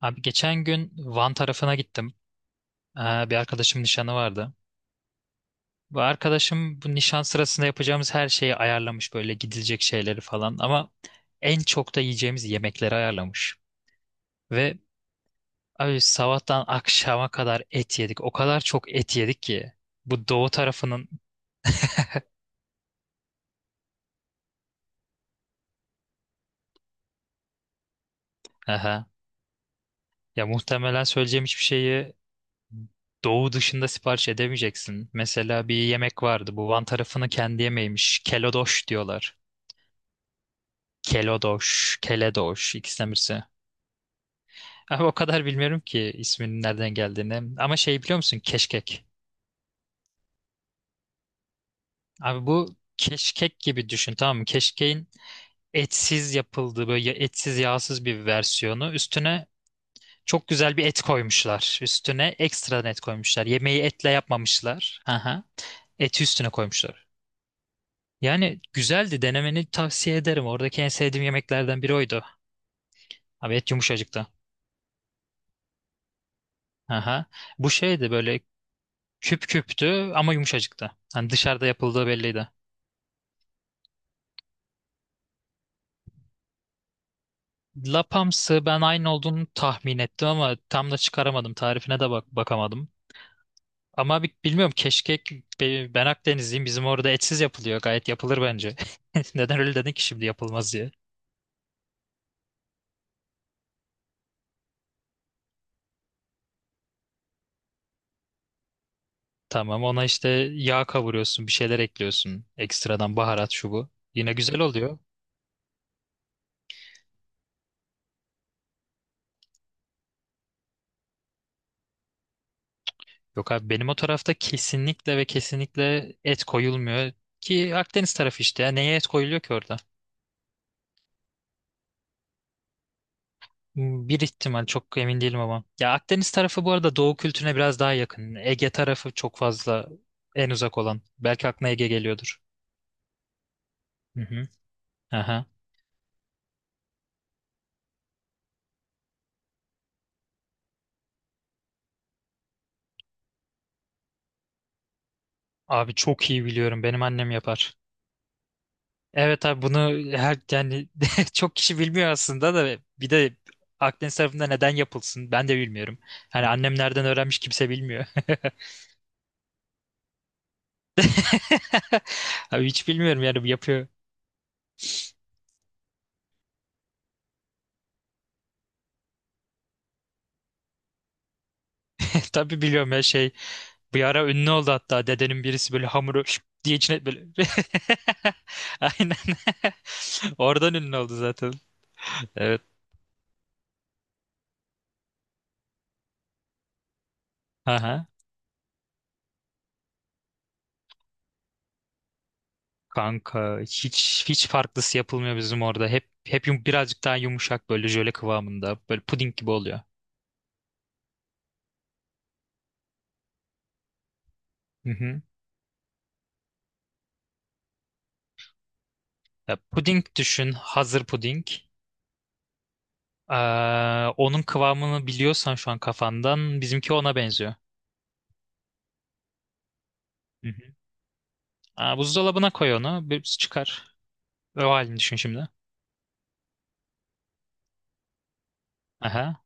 Abi geçen gün Van tarafına gittim. Bir arkadaşım nişanı vardı. Bu arkadaşım bu nişan sırasında yapacağımız her şeyi ayarlamış böyle gidilecek şeyleri falan ama en çok da yiyeceğimiz yemekleri ayarlamış. Ve abi sabahtan akşama kadar et yedik. O kadar çok et yedik ki bu doğu tarafının. Aha. Ya muhtemelen söyleyeceğim hiçbir şeyi doğu dışında sipariş edemeyeceksin. Mesela bir yemek vardı. Bu Van tarafının kendi yemeğiymiş. Kelodoş diyorlar. Kelodoş, Keledoş ikisinden birisi. Abi o kadar bilmiyorum ki isminin nereden geldiğini. Ama şey biliyor musun? Keşkek. Abi bu keşkek gibi düşün, tamam mı? Keşkeğin etsiz yapıldığı böyle etsiz yağsız bir versiyonu. Üstüne çok güzel bir et koymuşlar. Üstüne ekstradan et koymuşlar. Yemeği etle yapmamışlar. Aha. Eti üstüne koymuşlar. Yani güzeldi, denemeni tavsiye ederim. Oradaki en sevdiğim yemeklerden biri oydu. Abi et yumuşacıktı. Aha. Bu şeydi böyle. Küp küptü ama yumuşacıktı. Hani dışarıda yapıldığı belliydi. Lapamsı, ben aynı olduğunu tahmin ettim ama tam da çıkaramadım. Tarifine de bak bakamadım. Ama bilmiyorum keşkek ben Akdenizliyim. Bizim orada etsiz yapılıyor. Gayet yapılır bence. Neden öyle dedin ki şimdi, yapılmaz diye. Tamam, ona işte yağ kavuruyorsun, bir şeyler ekliyorsun. Ekstradan baharat şu bu. Yine güzel oluyor. Yok abi, benim o tarafta kesinlikle ve kesinlikle et koyulmuyor. Ki Akdeniz tarafı işte ya. Neye et koyuluyor ki orada? Hmm, bir ihtimal, çok emin değilim ama. Ya Akdeniz tarafı bu arada Doğu kültürüne biraz daha yakın. Ege tarafı çok fazla en uzak olan. Belki aklına Ege geliyordur. Hı hı. Aha. Abi çok iyi biliyorum. Benim annem yapar. Evet abi, bunu her yani çok kişi bilmiyor aslında, da bir de Akdeniz tarafında neden yapılsın ben de bilmiyorum. Hani annem nereden öğrenmiş kimse bilmiyor. Abi hiç bilmiyorum yani, bu yapıyor. Tabii biliyorum ya şey. Bir ara ünlü oldu, hatta dedenin birisi böyle hamuru şıp diye içine böyle. Aynen. Oradan ünlü oldu zaten. Evet. Aha. Kanka hiç hiç farklısı yapılmıyor bizim orada. Hep birazcık daha yumuşak böyle jöle kıvamında. Böyle puding gibi oluyor. Hı hı. Ya, puding düşün. Hazır puding. Ee, Onun kıvamını biliyorsan şu an kafandan bizimki ona benziyor. Hı hı. Aa, buzdolabına koy onu. Bir çıkar. O halini düşün şimdi. Aha.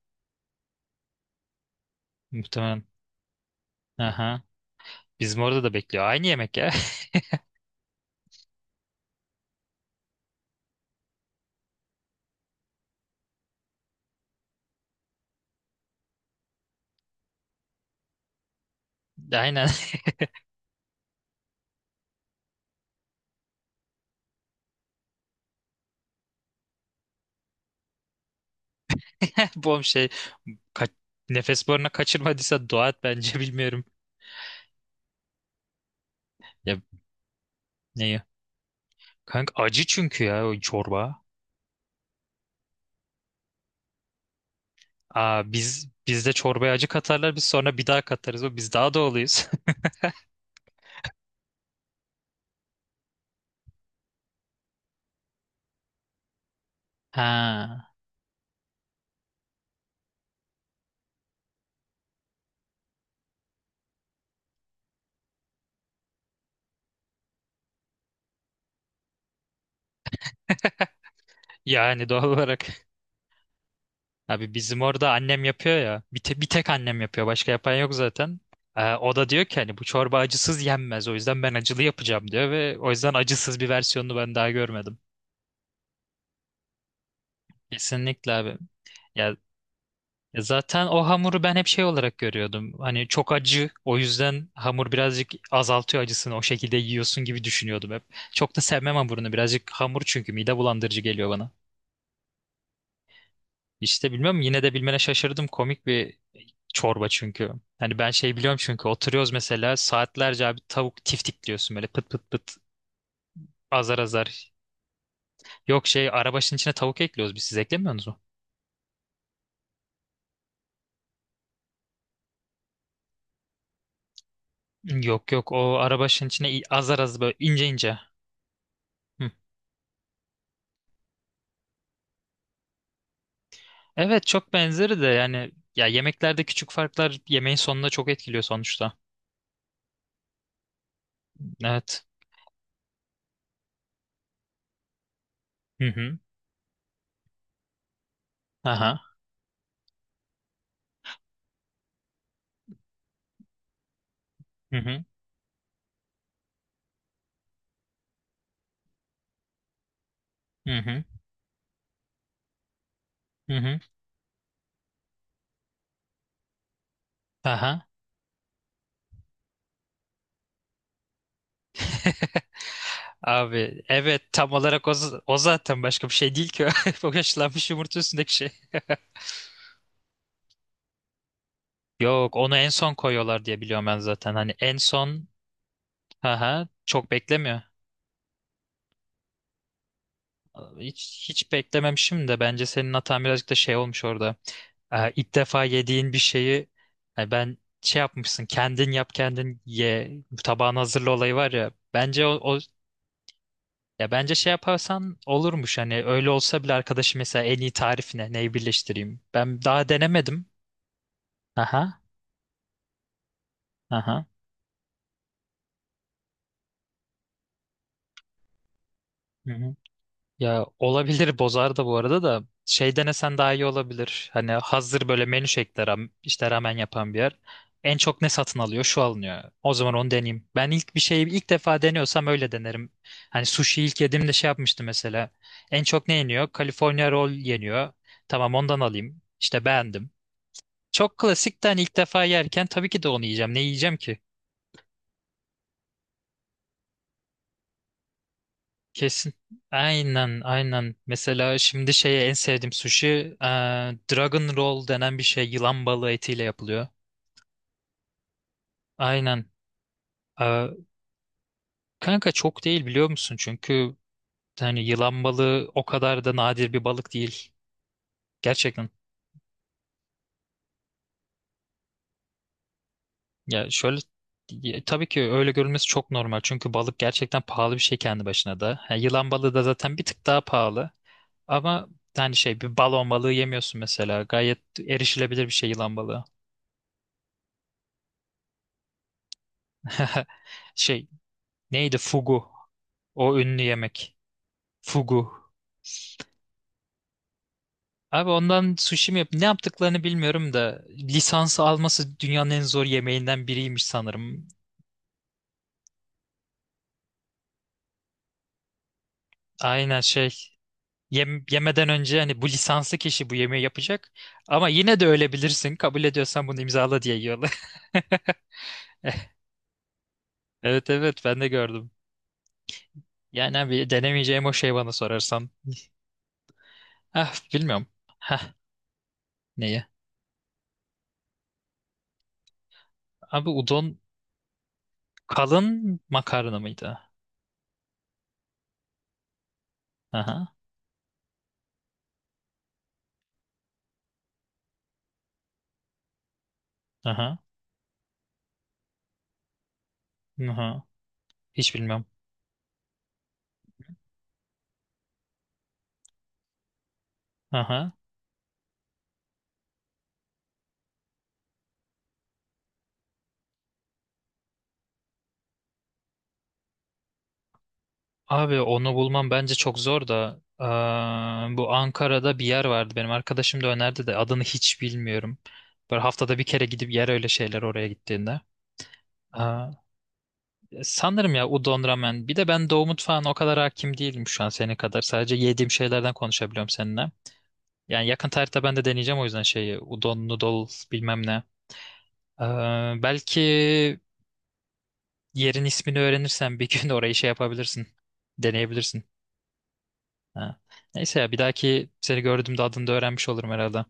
Muhtemelen. Aha. Bizim orada da bekliyor. Aynı yemek ya. Aynen. Bom şey. Ka Nefes boruna kaçırmadıysa dua et bence, bilmiyorum. Ya neyi? Kanka acı çünkü ya, o çorba. Aa, bizde çorbaya acı katarlar, biz sonra bir daha katarız. O, biz daha doğalıyız. Ha. Yani doğal olarak. Abi bizim orada annem yapıyor ya. Bir tek annem yapıyor. Başka yapan yok zaten. O da diyor ki hani bu çorba acısız yenmez. O yüzden ben acılı yapacağım diyor ve o yüzden acısız bir versiyonunu ben daha görmedim. Kesinlikle abi. Ya Ya, zaten o hamuru ben hep şey olarak görüyordum. Hani çok acı, o yüzden hamur birazcık azaltıyor acısını. O şekilde yiyorsun gibi düşünüyordum hep. Çok da sevmem hamurunu. Birazcık hamur, çünkü mide bulandırıcı geliyor bana. İşte bilmiyorum, yine de bilmene şaşırdım. Komik bir çorba çünkü. Hani ben şey biliyorum, çünkü oturuyoruz mesela saatlerce abi, tavuk tiftikliyorsun böyle pıt pıt pıt, azar azar. Yok şey, arabaşın içine tavuk ekliyoruz biz, siz eklemiyorsunuz mu? Yok yok, o arabaşın içine azar azar böyle ince ince. Hı. Evet çok benzeri de yani, ya yemeklerde küçük farklar yemeğin sonunda çok etkiliyor sonuçta. Evet. Hı hı. Aha. Hı hı. Hı hı. Hı hı. Aha. Abi evet, tam olarak o, o zaten başka bir şey değil ki. O haşlanmış yumurta üstündeki şey. Yok, onu en son koyuyorlar diye biliyorum ben zaten. Hani en son, aha, çok beklemiyor. Hiç, hiç beklememişim de bence senin hatan birazcık da şey olmuş orada. İlk defa yediğin bir şeyi, yani ben şey, yapmışsın kendin yap kendin ye, tabağını hazırla olayı var ya, bence ya bence şey yaparsan olurmuş, hani öyle olsa bile arkadaşı mesela en iyi tarif ne, neyi birleştireyim, ben daha denemedim. Aha. Aha. Ya olabilir, bozar da bu arada, da şey denesen daha iyi olabilir. Hani hazır böyle menü şeklinde işte ramen yapan bir yer. En çok ne satın alıyor? Şu alınıyor. O zaman onu deneyeyim. Ben ilk bir şeyi ilk defa deniyorsam öyle denerim. Hani sushi ilk yediğimde şey yapmıştım mesela. En çok ne yeniyor? California roll yeniyor. Tamam, ondan alayım. İşte beğendim. Çok klasik de, hani ilk defa yerken tabii ki de onu yiyeceğim. Ne yiyeceğim ki? Kesin. Aynen, aynen. Mesela şimdi şeye en sevdiğim sushi, e, Dragon Roll denen bir şey yılan balığı etiyle yapılıyor. Aynen. E, Kanka çok değil, biliyor musun? Çünkü hani yılan balığı o kadar da nadir bir balık değil. Gerçekten. Ya şöyle, ya tabii ki öyle görülmesi çok normal. Çünkü balık gerçekten pahalı bir şey kendi başına da. Ha, yılan balığı da zaten bir tık daha pahalı. Ama hani şey, bir balon balığı yemiyorsun mesela. Gayet erişilebilir bir şey yılan balığı. Şey, neydi, fugu? O ünlü yemek. Fugu. Abi ondan sushi mi yap? Ne yaptıklarını bilmiyorum da, lisansı alması dünyanın en zor yemeğinden biriymiş sanırım. Aynen şey. Yemeden önce hani bu lisanslı kişi bu yemeği yapacak. Ama yine de ölebilirsin. Kabul ediyorsan bunu imzala diye yiyorlar. Evet evet, ben de gördüm. Yani abi denemeyeceğim o şey, bana sorarsan. Ah bilmiyorum. Hah, neye? Abi udon kalın makarna mıydı? Aha, aha, aha. Hiç bilmem. Aha. Abi onu bulmam bence çok zor da bu Ankara'da bir yer vardı, benim arkadaşım da önerdi de adını hiç bilmiyorum. Böyle haftada bir kere gidip yer öyle şeyler oraya gittiğinde. Aa, sanırım ya udon ramen. Bir de ben Doğu mutfağına o kadar hakim değilim şu an senin kadar. Sadece yediğim şeylerden konuşabiliyorum seninle. Yani yakın tarihte ben de deneyeceğim, o yüzden şeyi udon noodles bilmem ne. Belki yerin ismini öğrenirsen bir gün orayı şey yapabilirsin. Deneyebilirsin. Ha. Neyse ya, bir dahaki seni gördüğümde adını da öğrenmiş olurum herhalde.